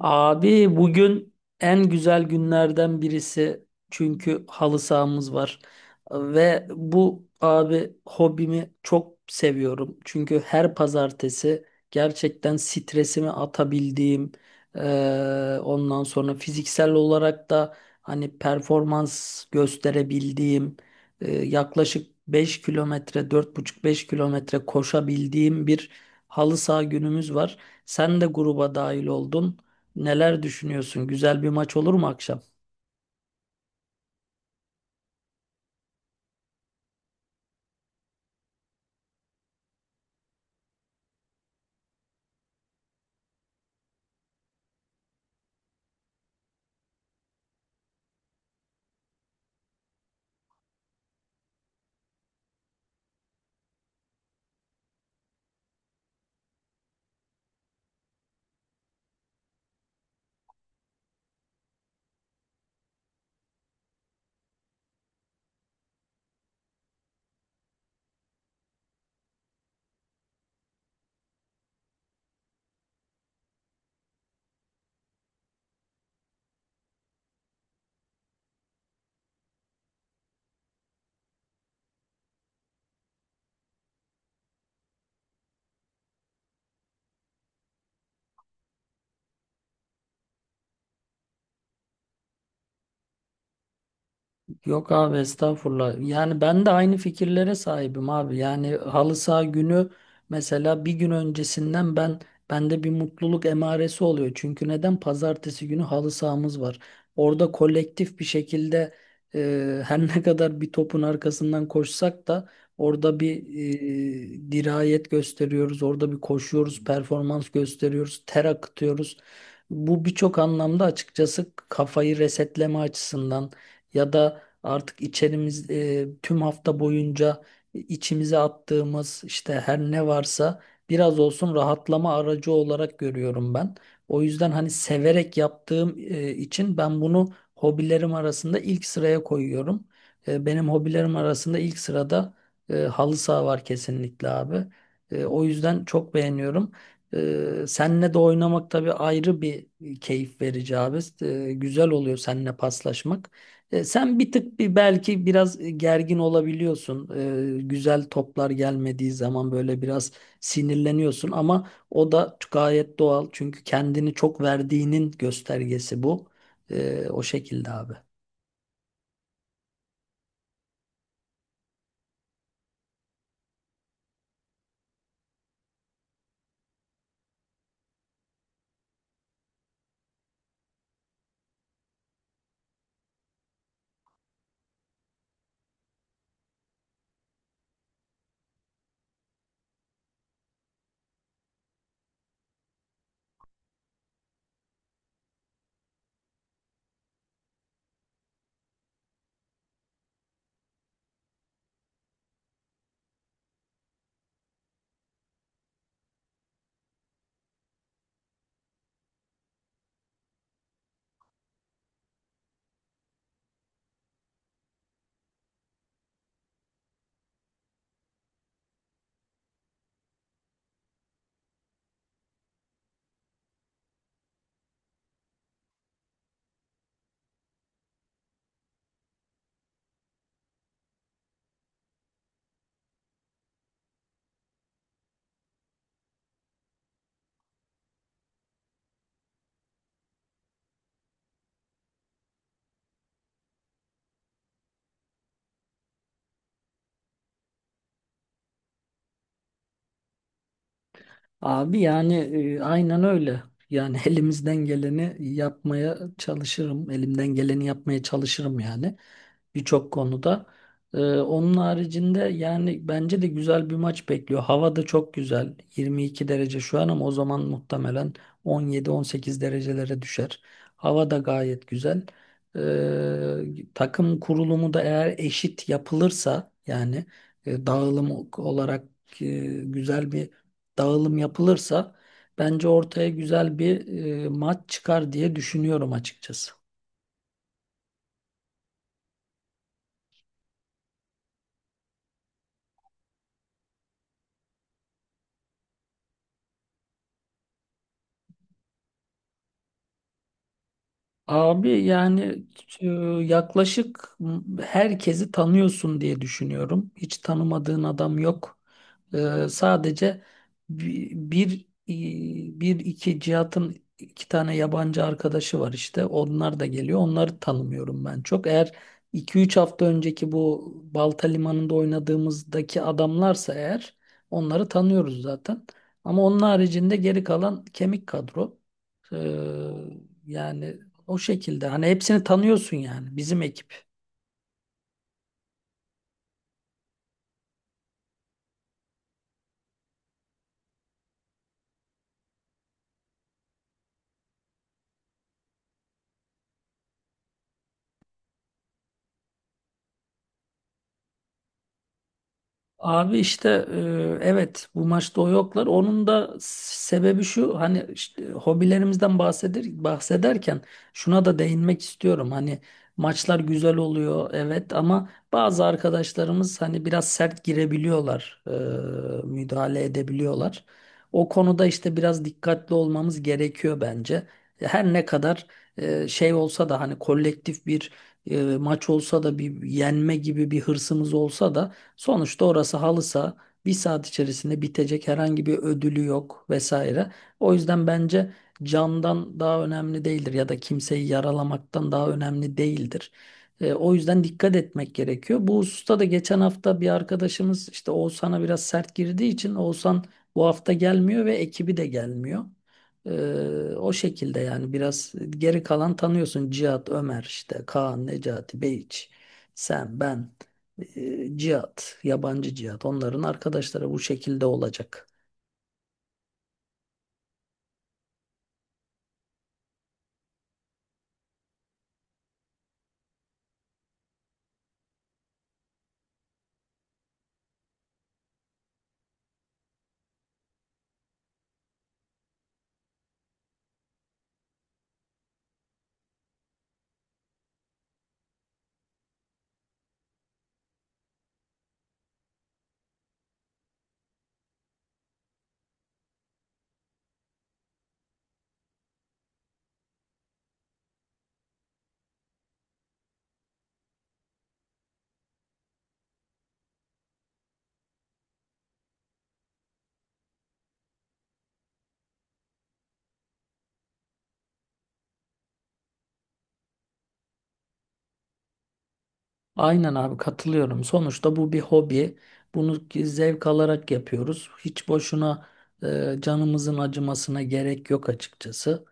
Abi bugün en güzel günlerden birisi çünkü halı sahamız var ve bu abi hobimi çok seviyorum. Çünkü her pazartesi gerçekten stresimi atabildiğim, ondan sonra fiziksel olarak da hani performans gösterebildiğim, yaklaşık 5 kilometre dört buçuk beş kilometre koşabildiğim bir halı saha günümüz var. Sen de gruba dahil oldun. Neler düşünüyorsun? Güzel bir maç olur mu akşam? Yok abi estağfurullah. Yani ben de aynı fikirlere sahibim abi. Yani halı saha günü mesela bir gün öncesinden bende bir mutluluk emaresi oluyor. Çünkü neden? Pazartesi günü halı sahamız var. Orada kolektif bir şekilde, her ne kadar bir topun arkasından koşsak da orada bir dirayet gösteriyoruz. Orada bir koşuyoruz, performans gösteriyoruz, ter akıtıyoruz. Bu birçok anlamda açıkçası kafayı resetleme açısından ya da artık içerimiz, tüm hafta boyunca içimize attığımız işte her ne varsa biraz olsun rahatlama aracı olarak görüyorum ben. O yüzden hani severek yaptığım için ben bunu hobilerim arasında ilk sıraya koyuyorum. Benim hobilerim arasında ilk sırada halı saha var kesinlikle abi. O yüzden çok beğeniyorum. Senle de oynamak tabii ayrı bir keyif verici abi. Güzel oluyor seninle paslaşmak. Sen bir tık belki biraz gergin olabiliyorsun. Güzel toplar gelmediği zaman böyle biraz sinirleniyorsun ama o da gayet doğal. Çünkü kendini çok verdiğinin göstergesi bu. O şekilde abi. Abi yani, aynen öyle. Yani elimizden geleni yapmaya çalışırım. Elimden geleni yapmaya çalışırım yani birçok konuda. Onun haricinde yani bence de güzel bir maç bekliyor. Hava da çok güzel. 22 derece şu an ama o zaman muhtemelen 17-18 derecelere düşer. Hava da gayet güzel. Takım kurulumu da eğer eşit yapılırsa yani, dağılım olarak, e, güzel bir dağılım yapılırsa bence ortaya güzel bir maç çıkar diye düşünüyorum açıkçası. Abi yani, e, yaklaşık herkesi tanıyorsun diye düşünüyorum. Hiç tanımadığın adam yok. Sadece iki Cihat'ın iki tane yabancı arkadaşı var işte. Onlar da geliyor. Onları tanımıyorum ben çok. Eğer iki üç hafta önceki bu Balta Limanı'nda oynadığımızdaki adamlarsa eğer onları tanıyoruz zaten. Ama onun haricinde geri kalan kemik kadro. Ee, Yani o şekilde hani hepsini tanıyorsun yani bizim ekip. Abi işte, evet bu maçta o yoklar. Onun da sebebi şu, hani işte hobilerimizden bahsederken şuna da değinmek istiyorum. Hani maçlar güzel oluyor evet ama bazı arkadaşlarımız hani biraz sert girebiliyorlar, müdahale edebiliyorlar. O konuda işte biraz dikkatli olmamız gerekiyor bence. Her ne kadar şey olsa da hani kolektif bir maç olsa da bir yenme gibi bir hırsımız olsa da, sonuçta orası bir saat içerisinde bitecek herhangi bir ödülü yok vesaire. O yüzden bence candan daha önemli değildir ya da kimseyi yaralamaktan daha önemli değildir. O yüzden dikkat etmek gerekiyor. Bu hususta da geçen hafta bir arkadaşımız işte Oğuzhan'a biraz sert girdiği için Oğuzhan bu hafta gelmiyor ve ekibi de gelmiyor. E, O şekilde yani biraz geri kalan tanıyorsun: Cihat, Ömer, işte Kaan, Necati, Beyiç, sen, ben, cihat, yabancı cihat. Onların arkadaşları bu şekilde olacak. Aynen abi, katılıyorum. Sonuçta bu bir hobi. Bunu ki zevk alarak yapıyoruz. Hiç boşuna canımızın acımasına gerek yok açıkçası.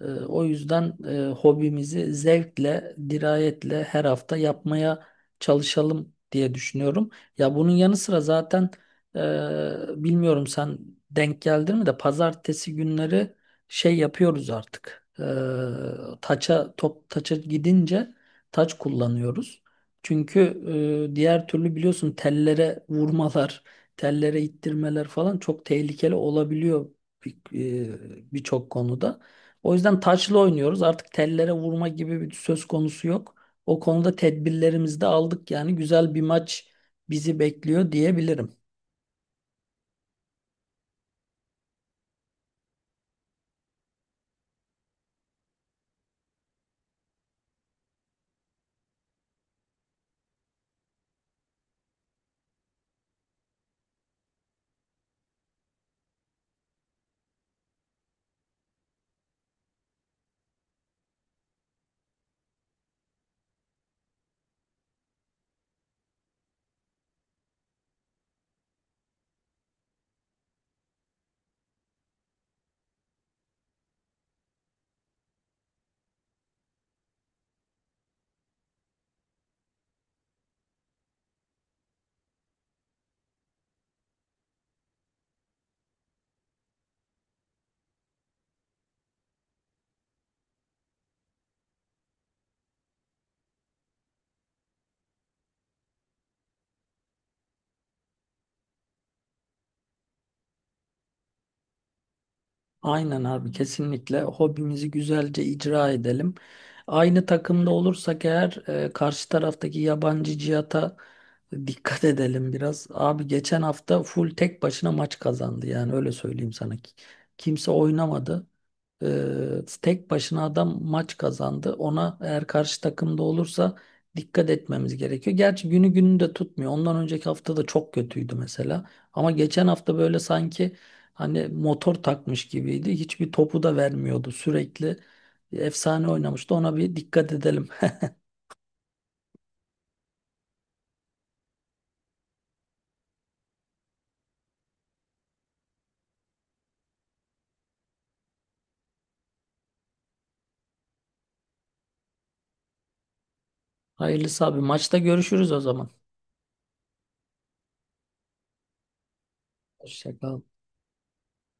O yüzden hobimizi zevkle, dirayetle her hafta yapmaya çalışalım diye düşünüyorum. Ya bunun yanı sıra zaten, bilmiyorum sen denk geldin mi, de pazartesi günleri şey yapıyoruz artık. Taça, top taça gidince taç kullanıyoruz. Çünkü diğer türlü biliyorsun tellere vurmalar, tellere ittirmeler falan çok tehlikeli olabiliyor bir- birçok konuda. O yüzden taçlı oynuyoruz. Artık tellere vurma gibi bir söz konusu yok. O konuda tedbirlerimizi de aldık, yani güzel bir maç bizi bekliyor diyebilirim. Aynen abi, kesinlikle hobimizi güzelce icra edelim. Aynı takımda olursak eğer, karşı taraftaki yabancı cihata dikkat edelim biraz. Abi geçen hafta full tek başına maç kazandı yani öyle söyleyeyim sana. Kimse oynamadı. Tek başına adam maç kazandı. Ona eğer karşı takımda olursa dikkat etmemiz gerekiyor. Gerçi günü gününü de tutmuyor. Ondan önceki hafta da çok kötüydü mesela. Ama geçen hafta böyle sanki hani motor takmış gibiydi. Hiçbir topu da vermiyordu. Sürekli efsane oynamıştı. Ona bir dikkat edelim. Hayırlısı abi. Maçta görüşürüz o zaman. Hoşça kal.